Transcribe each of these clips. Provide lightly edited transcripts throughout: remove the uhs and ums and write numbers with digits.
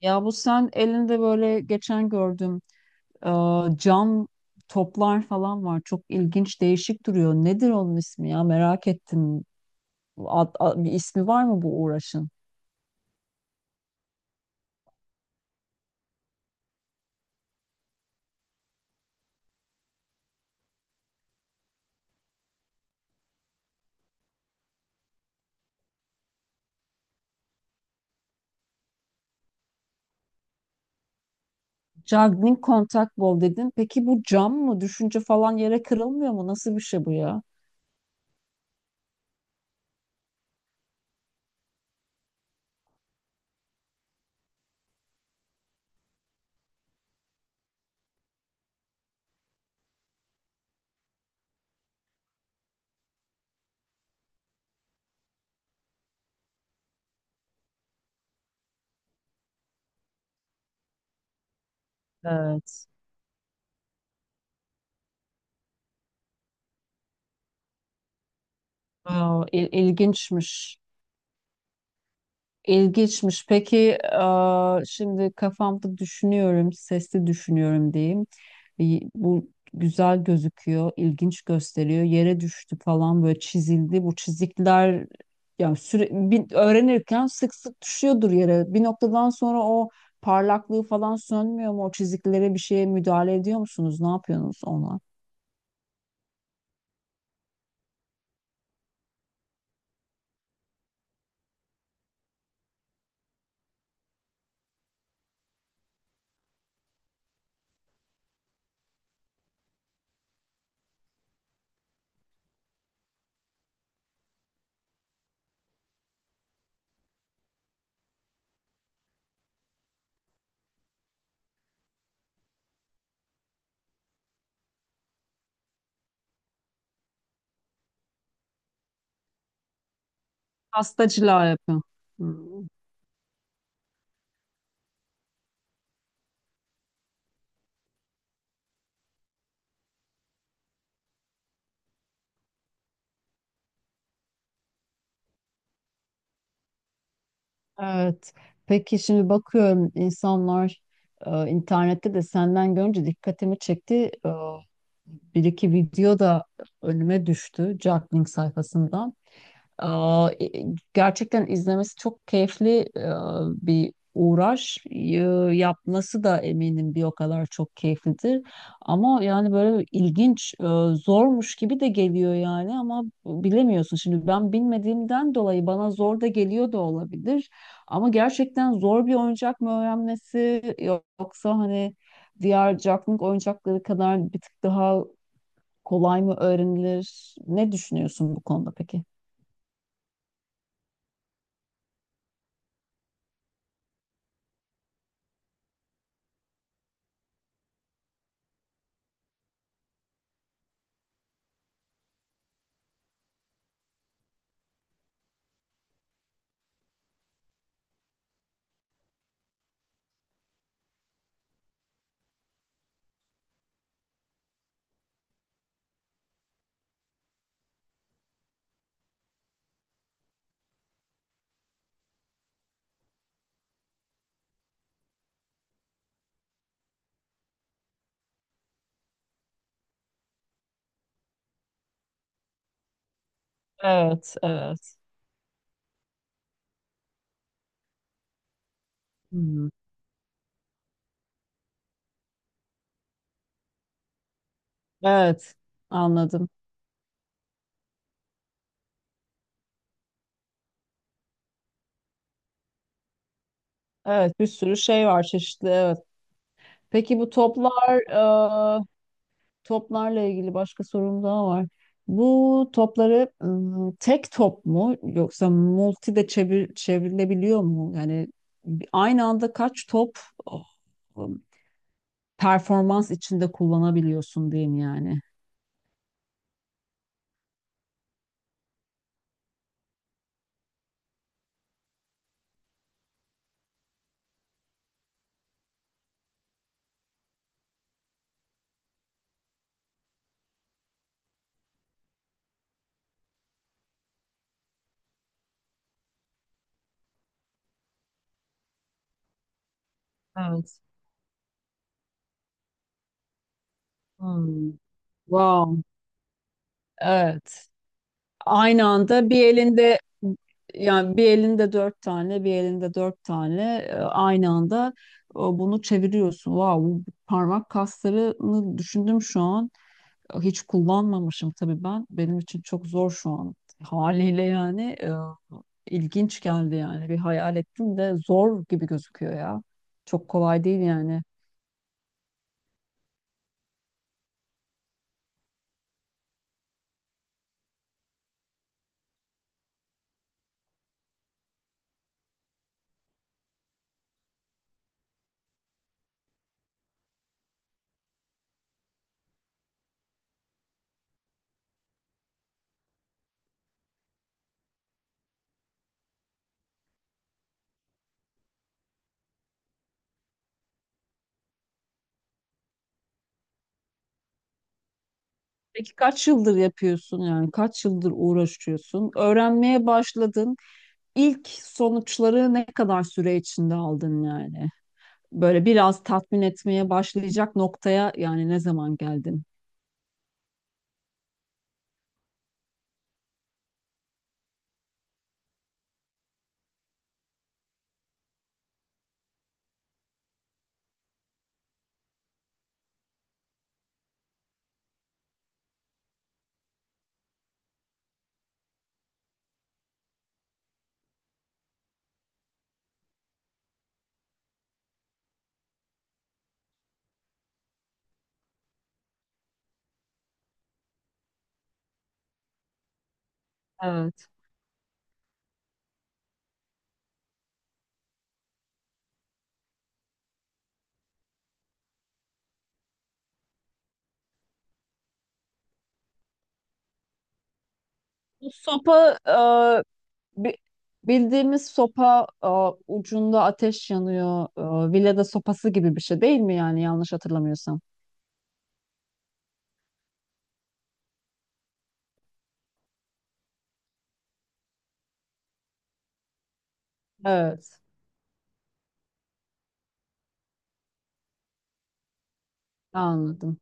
Ya bu sen elinde böyle geçen gördüm e, cam toplar falan var. Çok ilginç, değişik duruyor. Nedir onun ismi ya? Merak ettim. Bir ismi var mı bu uğraşın? Juggling contact ball dedin. Peki bu cam mı? Düşünce falan yere kırılmıyor mu? Nasıl bir şey bu ya? Evet. Aa, ilginçmiş. İlginçmiş. Peki şimdi kafamda düşünüyorum, sesli düşünüyorum diyeyim. Bu güzel gözüküyor, ilginç gösteriyor. Yere düştü falan böyle çizildi. Bu çizikler yani öğrenirken sık sık düşüyordur yere. Bir noktadan sonra o parlaklığı falan sönmüyor mu? O çiziklere bir şeye müdahale ediyor musunuz? Ne yapıyorsunuz ona? Hasta cila yapıyor. Hmm. Evet. Peki şimdi bakıyorum insanlar internette de senden görünce dikkatimi çekti. E, Bir iki video da önüme düştü Jacklink sayfasından. Aa, gerçekten izlemesi çok keyifli bir uğraş. Yapması da eminim bir o kadar çok keyiflidir. Ama yani böyle ilginç, zormuş gibi de geliyor yani ama bilemiyorsun. Şimdi ben bilmediğimden dolayı bana zor da geliyor da olabilir. Ama gerçekten zor bir oyuncak mı öğrenmesi yoksa hani diğer caklık oyuncakları kadar bir tık daha kolay mı öğrenilir? Ne düşünüyorsun bu konuda peki? Evet, evet. Hmm. Evet, anladım. Evet, bir sürü şey var çeşitli. Evet. Peki bu toplar, e, toplarla ilgili başka sorum daha var. Bu topları ım, tek top mu yoksa multi de çevrilebiliyor mu? Yani aynı anda kaç top oh, ım, performans içinde kullanabiliyorsun diyeyim yani. Evet. Hmm. Wow. Evet. Aynı anda bir elinde yani bir elinde dört tane, bir elinde dört tane aynı anda bunu çeviriyorsun. Wow, bu parmak kaslarını düşündüm şu an. Hiç kullanmamışım tabii ben. Benim için çok zor şu an haliyle yani ilginç geldi yani. Bir hayal ettim de zor gibi gözüküyor ya. Çok kolay değil yani. Peki kaç yıldır yapıyorsun yani? Kaç yıldır uğraşıyorsun? Öğrenmeye başladın. İlk sonuçları ne kadar süre içinde aldın yani? Böyle biraz tatmin etmeye başlayacak noktaya yani ne zaman geldin? Evet. Bu sopa bi- bildiğimiz sopa ucunda ateş yanıyor. Villada sopası gibi bir şey değil mi yani yanlış hatırlamıyorsam? Evet. Anladım.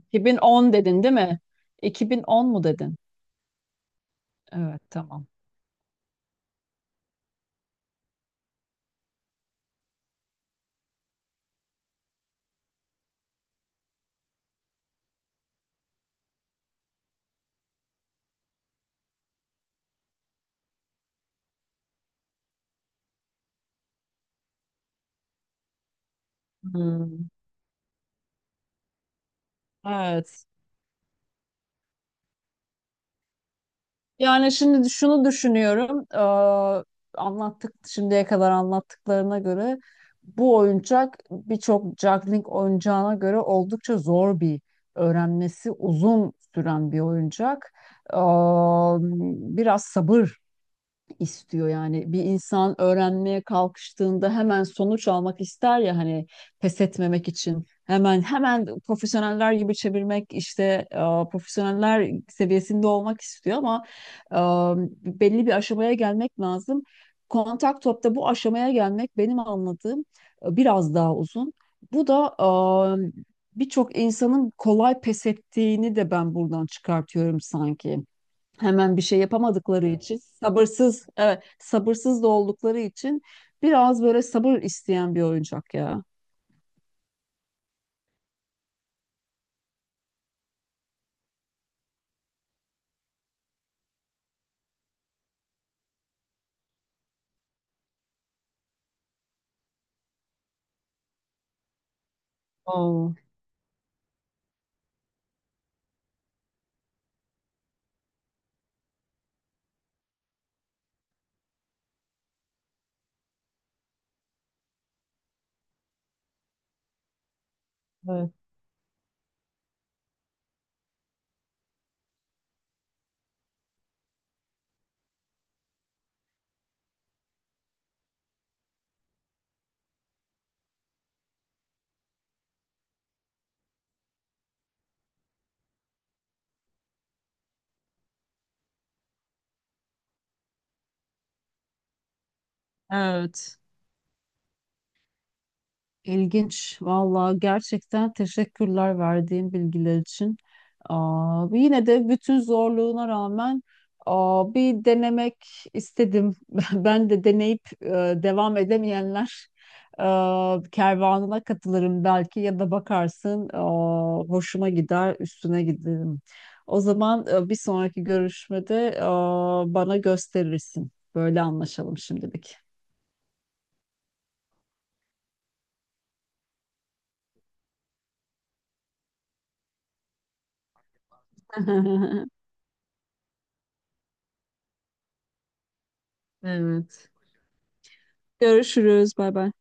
2010 dedin değil mi? 2010 mu dedin? Evet, tamam. Hmm. Evet. Yani şimdi şunu düşünüyorum. Anlattık şimdiye kadar anlattıklarına göre bu oyuncak birçok juggling oyuncağına göre oldukça zor bir öğrenmesi uzun süren bir oyuncak. Eee, Biraz sabır istiyor yani bir insan öğrenmeye kalkıştığında hemen sonuç almak ister ya hani pes etmemek için hemen hemen profesyoneller gibi çevirmek işte e, profesyoneller seviyesinde olmak istiyor ama e, belli bir aşamaya gelmek lazım. Kontak topta bu aşamaya gelmek benim anladığım biraz daha uzun. Bu da e, birçok insanın kolay pes ettiğini de ben buradan çıkartıyorum sanki hemen bir şey yapamadıkları için sabırsız evet, sabırsız da oldukları için biraz böyle sabır isteyen bir oyuncak ya. Oo, evet. Evet. İlginç. Vallahi gerçekten teşekkürler verdiğin bilgiler için. Aa, yine de bütün zorluğuna rağmen aa, bir denemek istedim. Ben de deneyip devam edemeyenler kervanına katılırım belki ya da bakarsın aa, hoşuma gider üstüne giderim. O zaman bir sonraki görüşmede aa, bana gösterirsin. Böyle anlaşalım şimdilik. Evet. Görüşürüz. Bay bay.